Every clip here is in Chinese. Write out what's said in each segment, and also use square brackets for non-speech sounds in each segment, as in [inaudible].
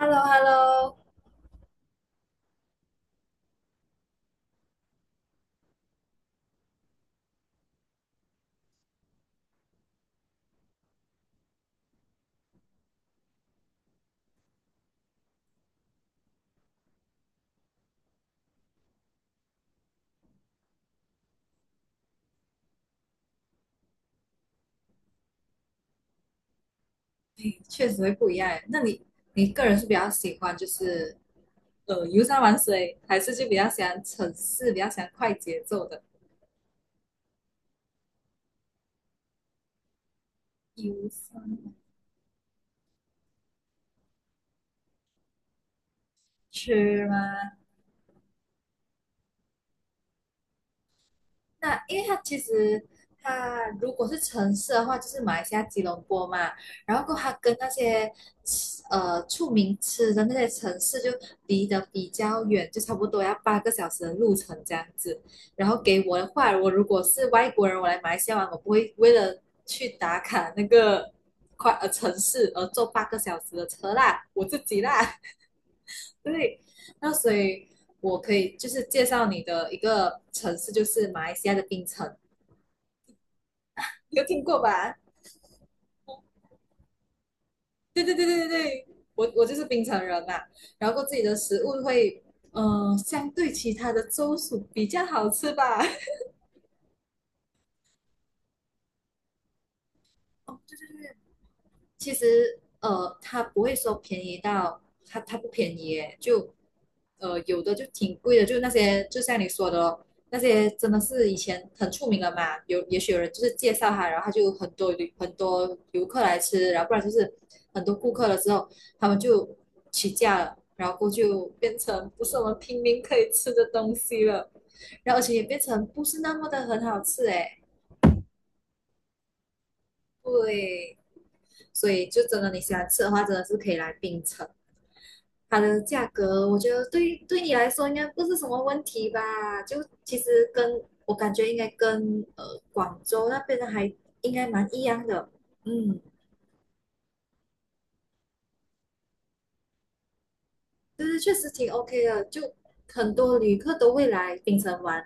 h e l l o h e l l o. 哎，确实会不一样诶。那你个人是比较喜欢就是游山玩水，还是就比较喜欢城市，比较喜欢快节奏的？游山玩水吗？那因为它其实它如果是城市的话，就是马来西亚吉隆坡嘛，然后过后它跟那些出名吃的那些城市就离得比较远，就差不多要八个小时的路程这样子。然后给我的话，我如果是外国人，我来马来西亚玩，我不会为了去打卡那个城市而坐八个小时的车啦，我自己啦，[laughs] 对，那所以。我可以就是介绍你的一个城市，就是马来西亚的槟城。有听过吧？对对对对对对，我就是槟城人嘛，然后自己的食物会，相对其他的州属比较好吃吧。[laughs] 哦，对对对，其实它不会说便宜到它不便宜耶，就有的就挺贵的，就那些就像你说的咯，那些真的是以前很出名的嘛，也许有人就是介绍它，然后它就很多游客来吃，然后不然就是很多顾客了之后，他们就起价了，然后就变成不是我们平民可以吃的东西了，然后而且也变成不是那么的很好吃诶，对。所以就真的你喜欢吃的话，真的是可以来槟城。它的价格，我觉得对你来说应该不是什么问题吧？就其实跟我感觉应该跟广州那边的还应该蛮一样的，嗯，就是确实挺 OK 的，就很多旅客都会来槟城玩，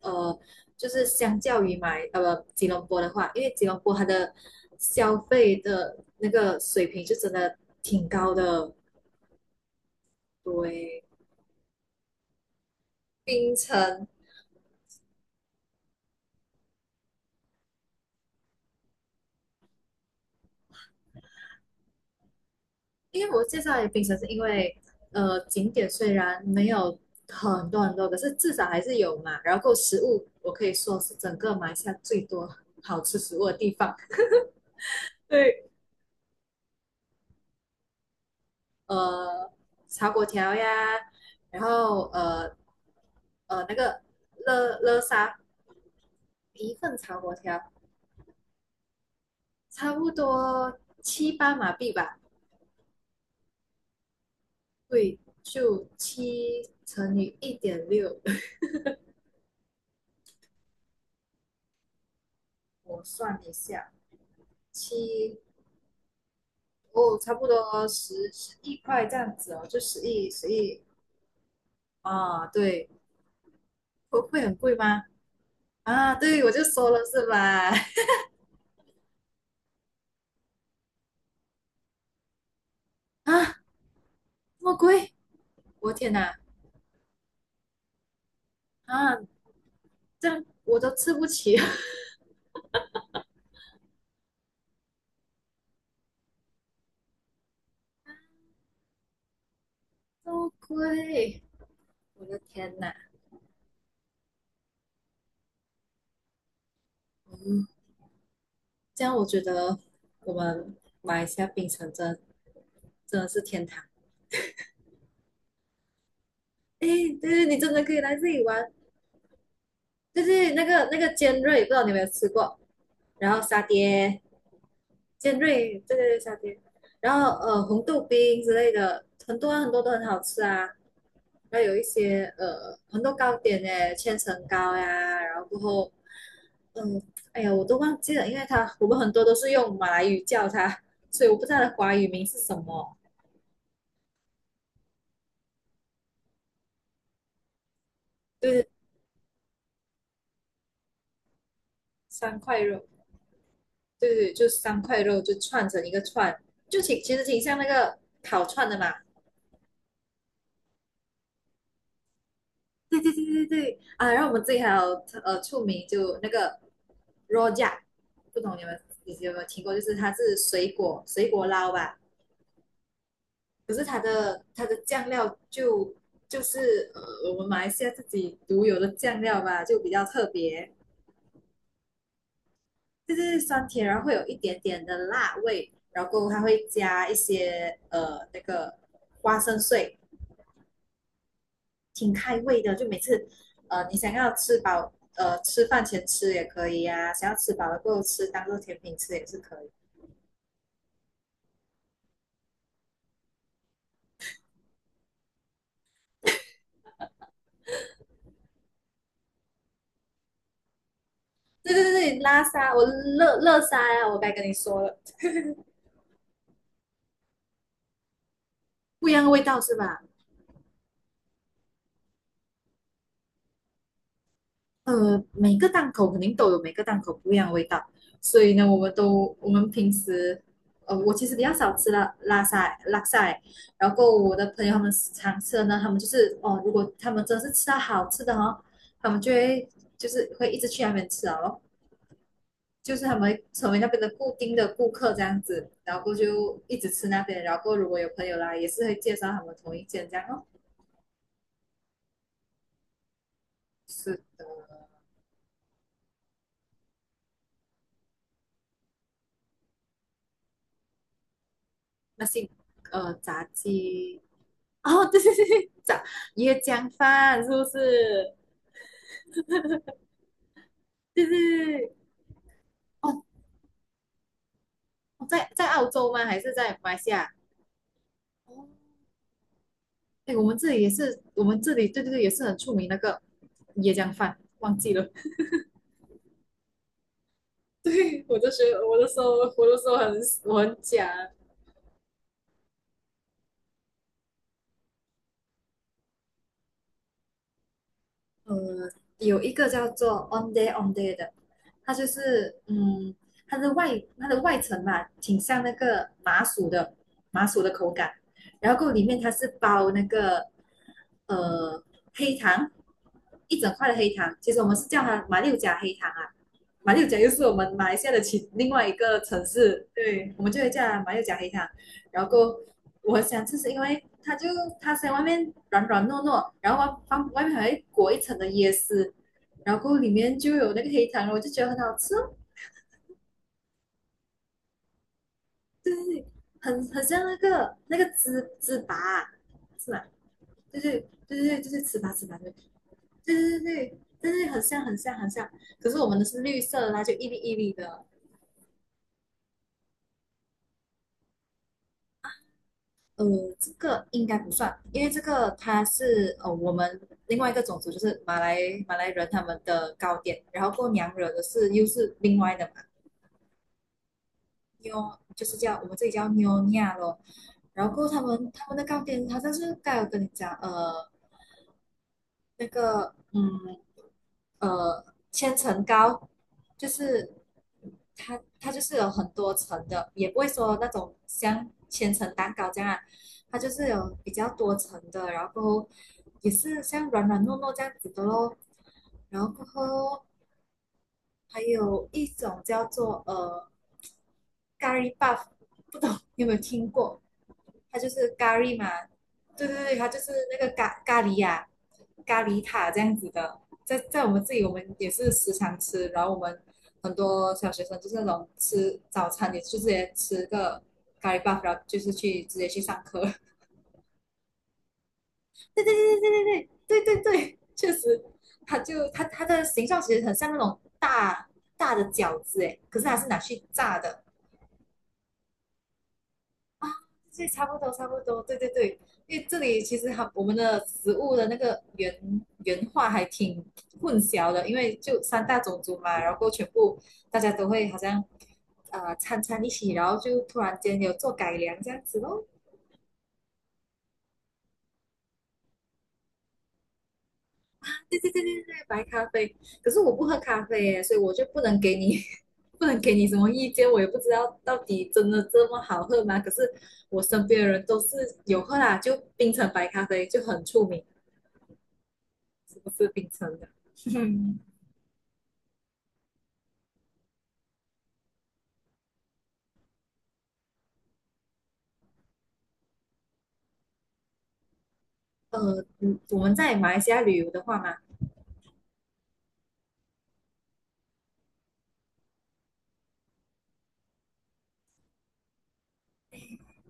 呃，就是相较于吉隆坡的话，因为吉隆坡它的消费的那个水平就真的挺高的，对，槟城因为我介绍给冰城是因为，景点虽然没有很多很多，可是至少还是有嘛。然后食物，我可以说是整个马来西亚最多好吃食物的地方。[laughs] 对，呃，炒粿条呀，然后那个乐沙一份炒粿条差不多7、8马币吧，对，就7乘以1.6，[laughs] 我算一下，七哦，差不多十亿块这样子哦，就十亿十亿啊，对，会很贵吗？啊，对，我就说了是吧？[laughs] 啊，这么贵，我天哪！啊，这样我都吃不起，[laughs] 这么贵，我的天哪！嗯，这样我觉得我们马来西亚槟城真的真的是天堂。诶，对对，你真的可以来这里玩。对对，那个尖锐，不知道你有没有吃过？然后沙爹，尖锐，对对对，夏天。然后红豆冰之类的，很多很多都很好吃啊。然后有一些很多糕点诶，千层糕呀，然后过后，嗯，哎呀，我都忘记了，因为它我们很多都是用马来语叫它，所以我不知道它的华语名是什么。就是三块肉，对对，就三块肉就串成一个串，就其实挺像那个烤串的嘛。对对对啊，然后我们这里还有出名就那个 rojak，不懂你有没有听过？就是它是水果捞吧，可是它的酱料就是我们马来西亚自己独有的酱料吧，就比较特别，就是酸甜，然后会有一点点的辣味，然后它会加一些那个花生碎，挺开胃的，就每次你想要吃饱，吃饭前吃也可以呀、想要吃饱了过后吃当做甜品吃也是可以。对对对对，拉沙，我乐沙呀、啊我该跟你说了。不一样的味道是吧？每个档口肯定都有每个档口不一样的味道，所以呢，我们平时，我其实比较少吃拉沙欸，然后我的朋友他们常吃的呢，他们就是哦，如果他们真是吃到好吃的哦，他们就是会一直去那边吃啊，然后就是他们成为那边的固定的顾客这样子，然后过就一直吃那边，然后如果有朋友来，也是会介绍他们同一间这样哦，是那些炸鸡哦，[laughs] 对对对对，椰浆饭是不是？对对对，哦，在澳洲吗？还是在马来西亚？哦，哎，我们这里也是，我们这里对对对也是很出名那个椰浆饭，忘记了。[laughs] 对，我就学，得我的时候我很假，呃，有一个叫做 On Day On Day 的，它就是嗯，它的外层嘛，挺像那个麻薯的口感，然后够里面它是包那个呃黑糖，一整块的黑糖，其实我们是叫它马六甲黑糖啊，马六甲又是我们马来西亚的另外一个城市，对，我们就会叫它马六甲黑糖，然后够我想，喜吃是因为它在外面软软糯糯，然后外面还会裹一层的椰丝，然后里面就有那个黑糖，我就觉得很好吃哦。对对对，很像那个芝粑，是吧？对对对对对，就是糍粑对，对对对对对对，很像很像很像。可是我们的是绿色的，它就一粒一粒的，呃，这个应该不算，因为这个它是我们另外一个种族，就是马来人他们的糕点，然后过娘惹的是又是另外的嘛，就是叫我们这里叫妞尼亚咯，然后过后他们的糕点好像是刚才有跟你讲，那个呃千层糕，就是它就是有很多层的，也不会说那种像千层蛋糕这样啊它就是有比较多层的，然后也是像软软糯糯这样子的咯。然后过后还有一种叫做咖喱 buff，不懂 [laughs] 你有没有听过？它就是咖喱嘛，对对对，它就是那个咖喱呀、咖喱塔这样子的，在我们这里我们也是时常吃，然后我们很多小学生就是那种吃早餐也是直接吃个咖喱 buff，然后就是直接去上课，[laughs] 对对对对对对对对对，确实，它它的形状其实很像那种大大的饺子诶，可是它是拿去炸的。这差不多，差不多，对对对，因为这里其实它我们的食物的那个原话还挺混淆的，因为就三大种族嘛，然后全部大家都会好像掺一起，然后就突然间有做改良这样子咯。对对对对对，白咖啡，可是我不喝咖啡耶，所以我就不能给你 [laughs] 不能给你什么意见，我也不知道到底真的这么好喝吗？可是我身边的人都是有喝啦，就冰城白咖啡就很出名。不是冰城的。[laughs] 我们在马来西亚旅游的话嘛，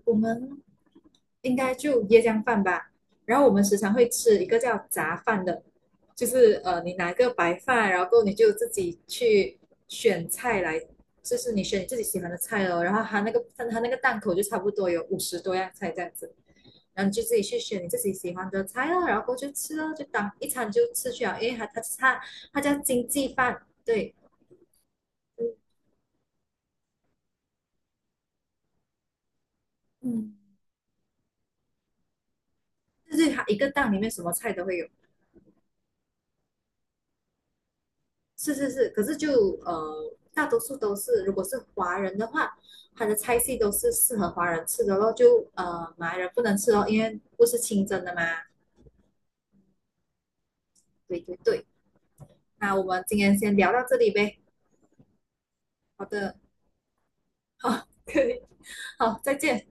我们应该就椰浆饭吧。然后我们时常会吃一个叫杂饭的，就是你拿一个白饭，然后你就自己去选菜来，就是你选你自己喜欢的菜咯。然后它那个档口就差不多有50多样菜这样子，然后你就自己去选你自己喜欢的菜咯，然后过去就吃咯，就当一餐就吃去了，因为它叫经济饭，对，嗯嗯。就是它一个档里面什么菜都会有。是是是，可是就大多数都是，如果是华人的话，它的菜系都是适合华人吃的咯，就马来人不能吃哦，因为不是清真的嘛。对对对，那我们今天先聊到这里呗。好的，好，可以，好，再见。